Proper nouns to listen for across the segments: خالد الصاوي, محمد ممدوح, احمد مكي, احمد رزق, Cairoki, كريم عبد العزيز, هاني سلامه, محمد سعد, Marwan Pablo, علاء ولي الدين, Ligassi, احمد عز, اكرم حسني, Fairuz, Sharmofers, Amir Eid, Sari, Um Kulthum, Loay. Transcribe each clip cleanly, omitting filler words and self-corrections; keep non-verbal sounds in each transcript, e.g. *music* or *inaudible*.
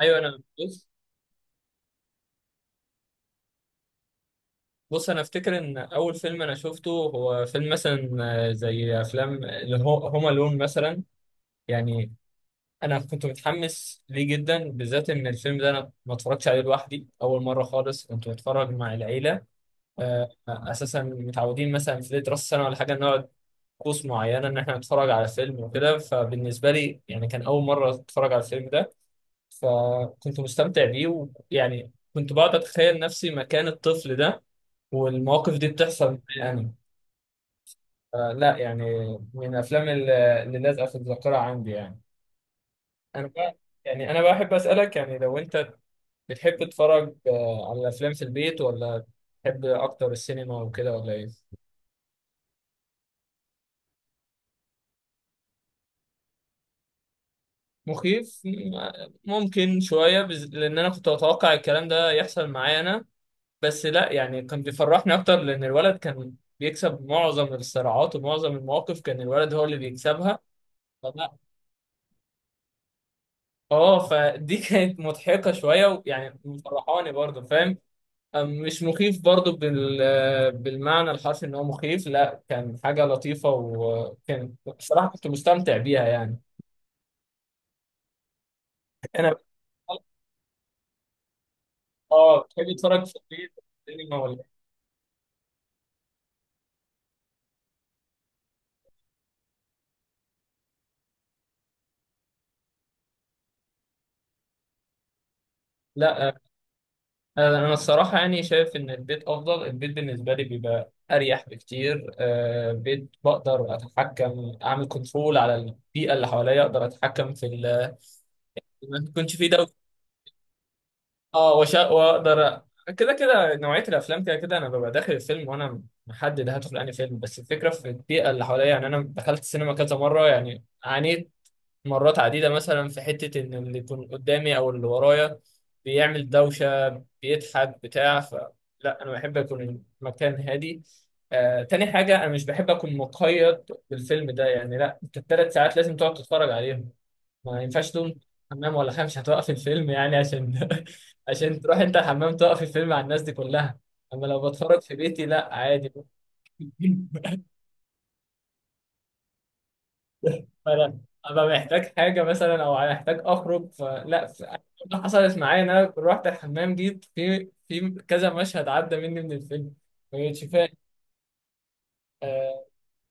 ايوه انا بص. بص، انا افتكر ان اول فيلم انا شفته هو فيلم مثلا زي افلام اللي هو هوم الون مثلا. يعني انا كنت متحمس ليه جدا، بالذات ان الفيلم ده انا ما اتفرجتش عليه لوحدي، اول مره خالص كنت بتفرج مع العيله. اساسا متعودين مثلا في راس السنه ولا حاجه نقعد طقوس معينه ان احنا نتفرج على فيلم وكده، فبالنسبه لي يعني كان اول مره اتفرج على الفيلم ده، فكنت مستمتع بيه. ويعني كنت بقعد اتخيل نفسي مكان الطفل ده والمواقف دي بتحصل معايا انا. آه لا، يعني من الافلام اللي لازقه في الذاكره عندي يعني. انا بقى يعني انا بحب اسالك، يعني لو انت بتحب تتفرج آه على الافلام في البيت، ولا بتحب اكتر السينما وكده، ولا ايه؟ مخيف، ممكن شويه لان انا كنت اتوقع الكلام ده يحصل معايا انا، بس لا يعني كان بيفرحني اكتر، لان الولد كان بيكسب معظم الصراعات ومعظم المواقف كان الولد هو اللي بيكسبها. اه فدي كانت مضحكة شوية ويعني مفرحاني برضه، فاهم؟ مش مخيف برضه بالمعنى الحرفي ان هو مخيف، لا كان حاجة لطيفة وكان بصراحة كنت مستمتع بيها يعني. انا اه، بتحب تتفرج في البيت سينما ولا إيه؟ لا انا الصراحة يعني شايف ان البيت افضل. البيت بالنسبة لي بيبقى اريح بكتير، بيت بقدر اتحكم، اعمل كنترول على البيئة اللي حواليا، اقدر اتحكم ما تكونش فيه. اه واقدر كده كده نوعيه الافلام كده كده انا ببقى داخل الفيلم وانا محدد هدخل انهي فيلم، بس الفكره في البيئه اللي حواليا. يعني انا دخلت السينما كذا مره، يعني عانيت مرات عديده مثلا في حته ان اللي يكون قدامي او اللي ورايا بيعمل دوشه، بيضحك، بتاع فلا. انا بحب اكون المكان هادي. تاني حاجة، أنا مش بحب أكون مقيد بالفيلم ده، يعني لا أنت التلات ساعات لازم تقعد تتفرج عليهم. ما ينفعش تقوم حمام ولا حاجة، مش هتوقف الفيلم يعني عشان *laughs* عشان تروح انت الحمام توقف الفيلم على الناس دي كلها. اما لو بتفرج في بيتي، لا عادي ممكن. *laughs* فانا ابقى محتاج حاجة مثلا او محتاج اخرج فلا، ده حصلت معايا ان انا رحت الحمام، جيت في كذا مشهد عدى مني من الفيلم، ما كنتش فاهم. آه،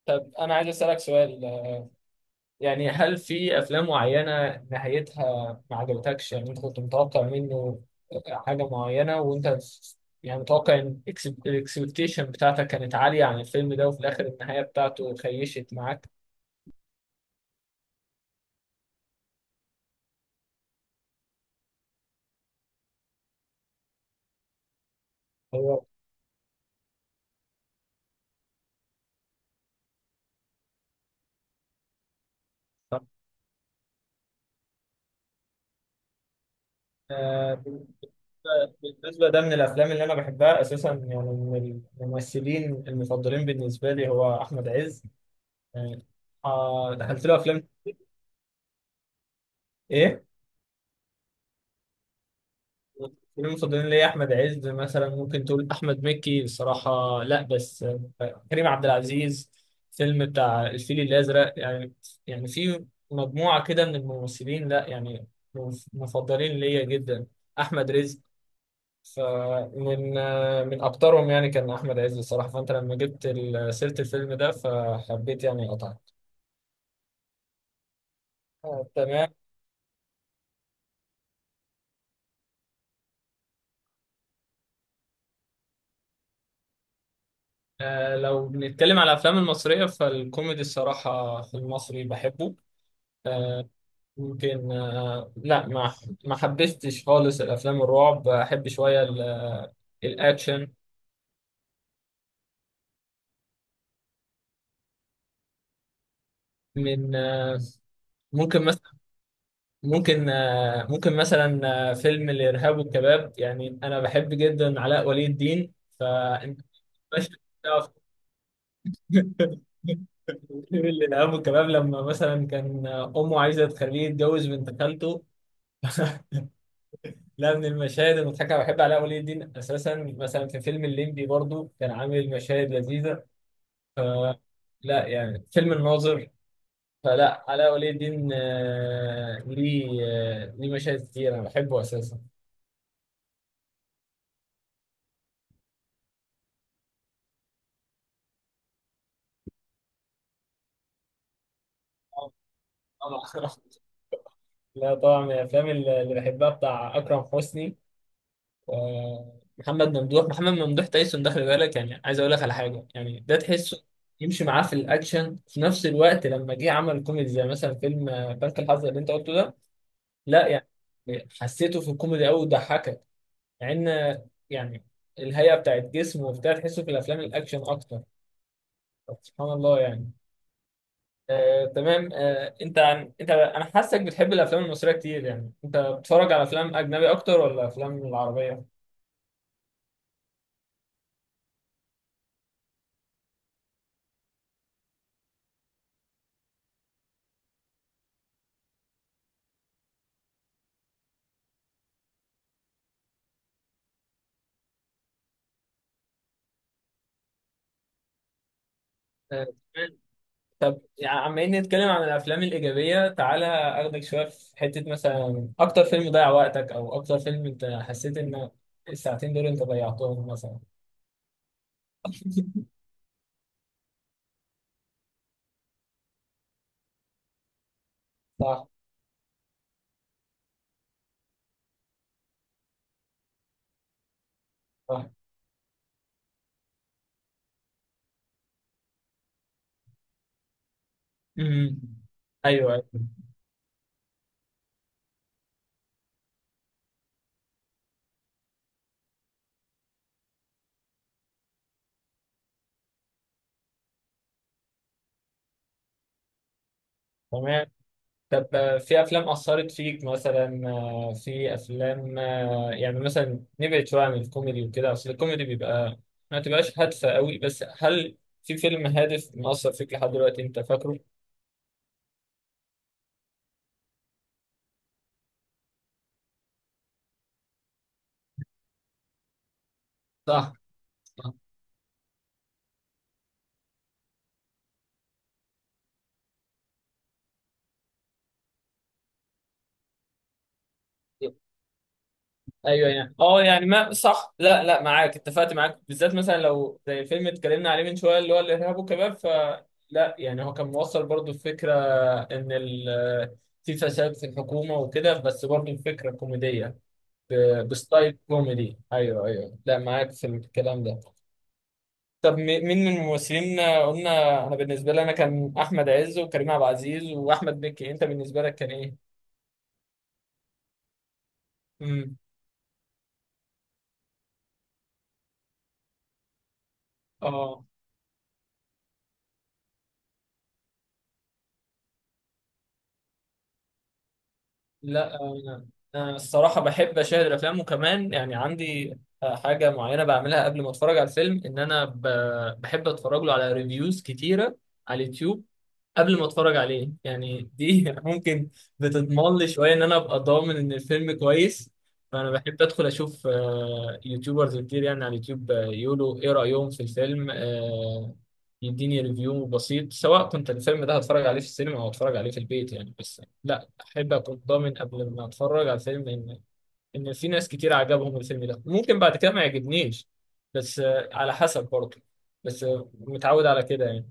طب انا عايز اسالك سؤال، يعني هل في افلام معينه نهايتها ما عجبتكش؟ يعني انت كنت متوقع منه حاجه معينه وانت يعني متوقع ان الاكسبكتيشن بتاعتك كانت عاليه عن الفيلم ده، وفي الاخر النهايه بتاعته خيشت معاك. هو طب آه، بالنسبه بالنسبة ده من الافلام اللي انا بحبها اساسا، يعني من الممثلين المفضلين بالنسبه لي هو احمد عز يعني. دخلت له افلام. ايه؟ المفضلين، المفضلين ليا احمد عز مثلا، ممكن تقول احمد مكي بصراحه، لا بس كريم عبد العزيز، فيلم بتاع الفيل الازرق يعني. يعني في مجموعه كده من الممثلين، لا يعني مفضلين ليا جدا. احمد رزق، فمن آه، من اكترهم يعني كان احمد عز بصراحه. فانت لما جبت سيره الفيلم ده فحبيت يعني اقطعك. تمام. لو بنتكلم على الافلام المصريه فالكوميدي الصراحه في المصري بحبه. آه، يمكن آه، لا ما ما حبستش خالص. الافلام الرعب احب شويه الاكشن. من آه، ممكن مثلا ممكن آه، ممكن مثلا آه، فيلم الارهاب والكباب، يعني انا بحب جدا علاء ولي الدين. فانت مش هتعرف. *laughs* فيلم الارهاب والكباب لما مثلا كان امه عايزه تخليه يتجوز بنت خالته. لا من المشاهد المضحكه، بحب علاء ولي الدين اساسا. مثلا في فيلم الليمبي برضو كان عامل مشاهد لذيذه. لا يعني فيلم الناظر، فلا علاء ولي الدين ليه مشاهد كتير انا بحبه اساسا. آه، طبعا. *laughs* لا طبعا من الافلام اللي بحبها بتاع اكرم حسني ومحمد ممدوح. محمد ممدوح تايسون ده خلي بالك، يعني عايز اقول لك على حاجه، يعني ده تحسه يمشي معاه في الاكشن، في نفس الوقت لما جه عمل كوميدي زي مثلا فيلم بنك الحظ اللي انت قلته ده، لا يعني حسيته في الكوميدي قوي وضحكك، مع ان يعني الهيئه بتاعت جسمه وبتاع تحسه في الافلام الاكشن اكتر. طب سبحان الله يعني. انت انت انا حاسك بتحب الافلام المصريه كتير، يعني انت بتتفرج على افلام اجنبي اكتر ولا افلام العربيه؟ آه، تمام. طب يعني عم نتكلم عن الافلام الايجابيه، تعالى اخدك شويه في حته مثلا اكتر فيلم ضيع وقتك، او اكتر فيلم انت حسيت ان الساعتين دول انت ضيعتهم مثلا. صح. صح. امم. ايوه. أيوة. تمام. طب في افلام اثرت فيك مثلا، آه، في افلام آه، يعني مثلا نبعد شويه عن الكوميدي وكده، اصل الكوميدي بيبقى ما تبقاش هادفه قوي، بس هل في فيلم هادف مأثر فيك لحد دلوقتي انت فاكره؟ صح. صح. ايوه يعني اه، يعني ما صح، لا لا معاك، اتفقت معاك، بالذات مثلا لو زي فيلم اتكلمنا عليه من شويه اللي هو الارهاب والكباب، فلا يعني هو كان موصل برضو الفكره ان في فساد في الحكومه وكده، بس برضو الفكره كوميديه بستايل كوميدي. ايوه ايوه، لا معاك في الكلام ده. طب مين من الممثلين قلنا؟ انا بالنسبه لي انا كان احمد عز وكريم عبد العزيز واحمد مكي، انت بالنسبه لك كان ايه؟ امم. اه لا انا، أنا الصراحه بحب اشاهد الافلام، وكمان يعني عندي حاجه معينه بعملها قبل ما اتفرج على الفيلم، ان انا بحب اتفرج له على ريفيوز كتيره على اليوتيوب قبل ما اتفرج عليه يعني. دي *laughs* ممكن بتضمن لي شويه ان انا ابقى ضامن ان الفيلم كويس. فانا بحب ادخل اشوف يوتيوبرز كتير يعني على اليوتيوب، يقولوا ايه رايهم في الفيلم، يديني ريفيو بسيط، سواء كنت الفيلم ده هتفرج عليه في السينما او هتفرج عليه في البيت يعني. بس لا احب اكون ضامن قبل ما اتفرج على الفيلم ان في ناس كتير عجبهم الفيلم ده، ممكن بعد كده ما يعجبنيش. بس على حسب برضه، بس متعود على كده يعني.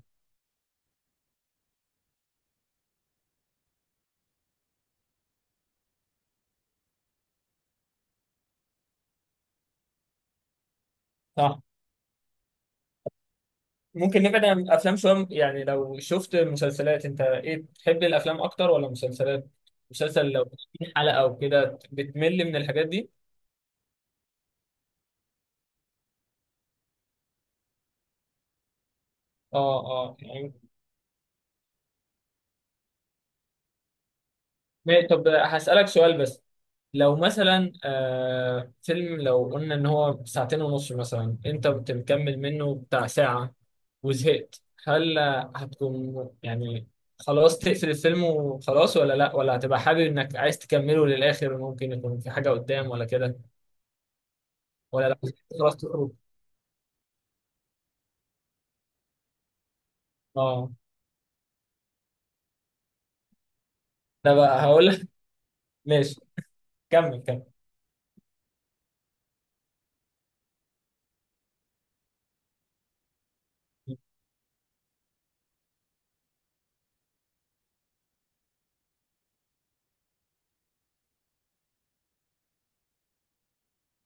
صح. ممكن نبعد عن الافلام شويه، يعني لو شفت مسلسلات، انت ايه بتحب الافلام اكتر ولا مسلسلات؟ مسلسل لو 30 حلقه او كده بتمل من الحاجات دي؟ اه اه يعني. طب هسألك سؤال بس، لو مثلا آه فيلم لو قلنا ان هو ساعتين ونص مثلا، انت بتكمل منه بتاع ساعه وزهقت، هل هتكون يعني خلاص تقفل الفيلم وخلاص، ولا لا، ولا هتبقى حابب انك عايز تكمله للاخر، ممكن يكون في حاجه قدام ولا كده، ولا لو خلاص تخرج؟ اه انا بقى هقول لك. *laughs* ماشي، كمل كمل.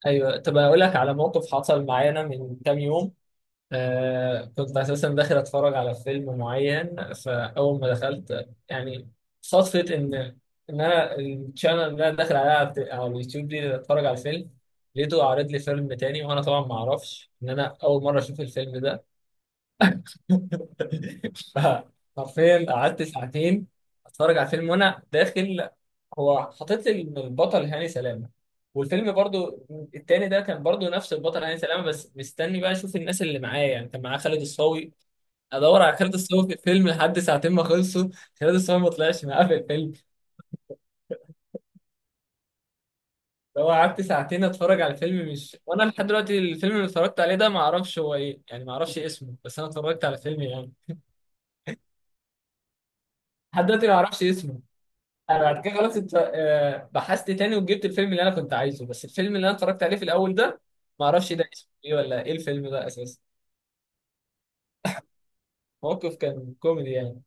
ايوه، طب اقول لك على موقف حصل معانا من كام يوم. آه كنت اساسا داخل اتفرج على فيلم معين، فاول ما دخلت يعني صدفه ان انا الشانل اللي انا داخل عليها على على اليوتيوب دي اللي اتفرج على الفيلم، لقيته عارض لي فيلم تاني، وانا طبعا ما اعرفش ان انا اول مره اشوف الفيلم ده. *laughs* فحرفيا قعدت ساعتين اتفرج على الفيلم، وانا داخل هو حاطط لي إن البطل هاني سلامه، والفيلم برضو التاني ده كان برضو نفس البطل هاني سلامه. بس مستني بقى اشوف الناس اللي معايا، يعني كان معاه خالد الصاوي، ادور على خالد الصاوي في الفيلم لحد ساعتين ما خلصوا، خالد الصاوي ما طلعش معاه في الفيلم. فهو قعدت ساعتين اتفرج على الفيلم، مش وانا لحد دلوقتي الفيلم اللي اتفرجت عليه ده ما اعرفش هو ايه، يعني ما اعرفش اسمه، بس انا اتفرجت على الفيلم يعني. لحد دلوقتي ما اعرفش اسمه. انا بعد كده خلاص انت، بحثت تاني وجبت الفيلم اللي انا كنت عايزه، بس الفيلم اللي انا اتفرجت عليه في الاول ده ما اعرفش ده اسمه ايه ولا ايه الفيلم ده اساسا. موقف كان كوميدي يعني.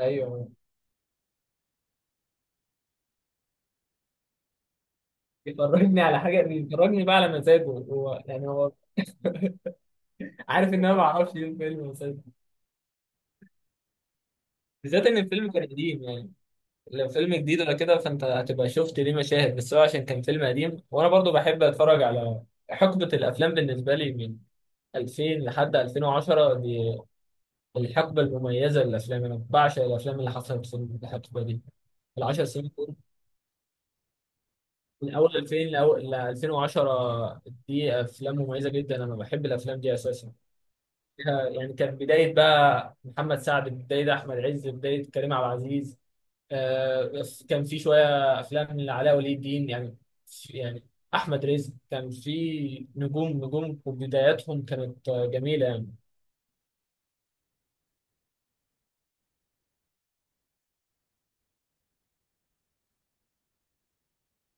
ايوه، بيفرجني على حاجه، بيفرجني بقى على مزاجه هو، يعني هو عارف ان انا ما اعرفش ايه الفيلم أساساً. بالذات ان الفيلم كان قديم يعني، لو فيلم جديد ولا كده فانت هتبقى شفت ليه مشاهد، بس هو عشان كان فيلم قديم. وانا برضو بحب اتفرج على حقبه الافلام بالنسبه لي من 2000 لحد 2010، دي الحقبة المميزة للأفلام، أنا بعشق الأفلام اللي حصلت في الحقبة دي. ال10 سنين دول، من أول 2000 لأول ل 2010، دي أفلام مميزة جدا، أنا بحب الأفلام دي أساسا. يعني كانت بداية بقى محمد سعد، بداية أحمد عز، بداية كريم عبد العزيز، كان في شوية أفلام لعلاء ولي الدين يعني. يعني أحمد رزق كان في نجوم وبداياتهم كانت جميلة يعني.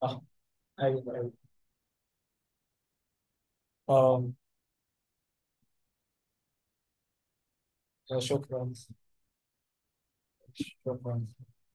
أه أيوه أيوه. أه شكرا. شكرا.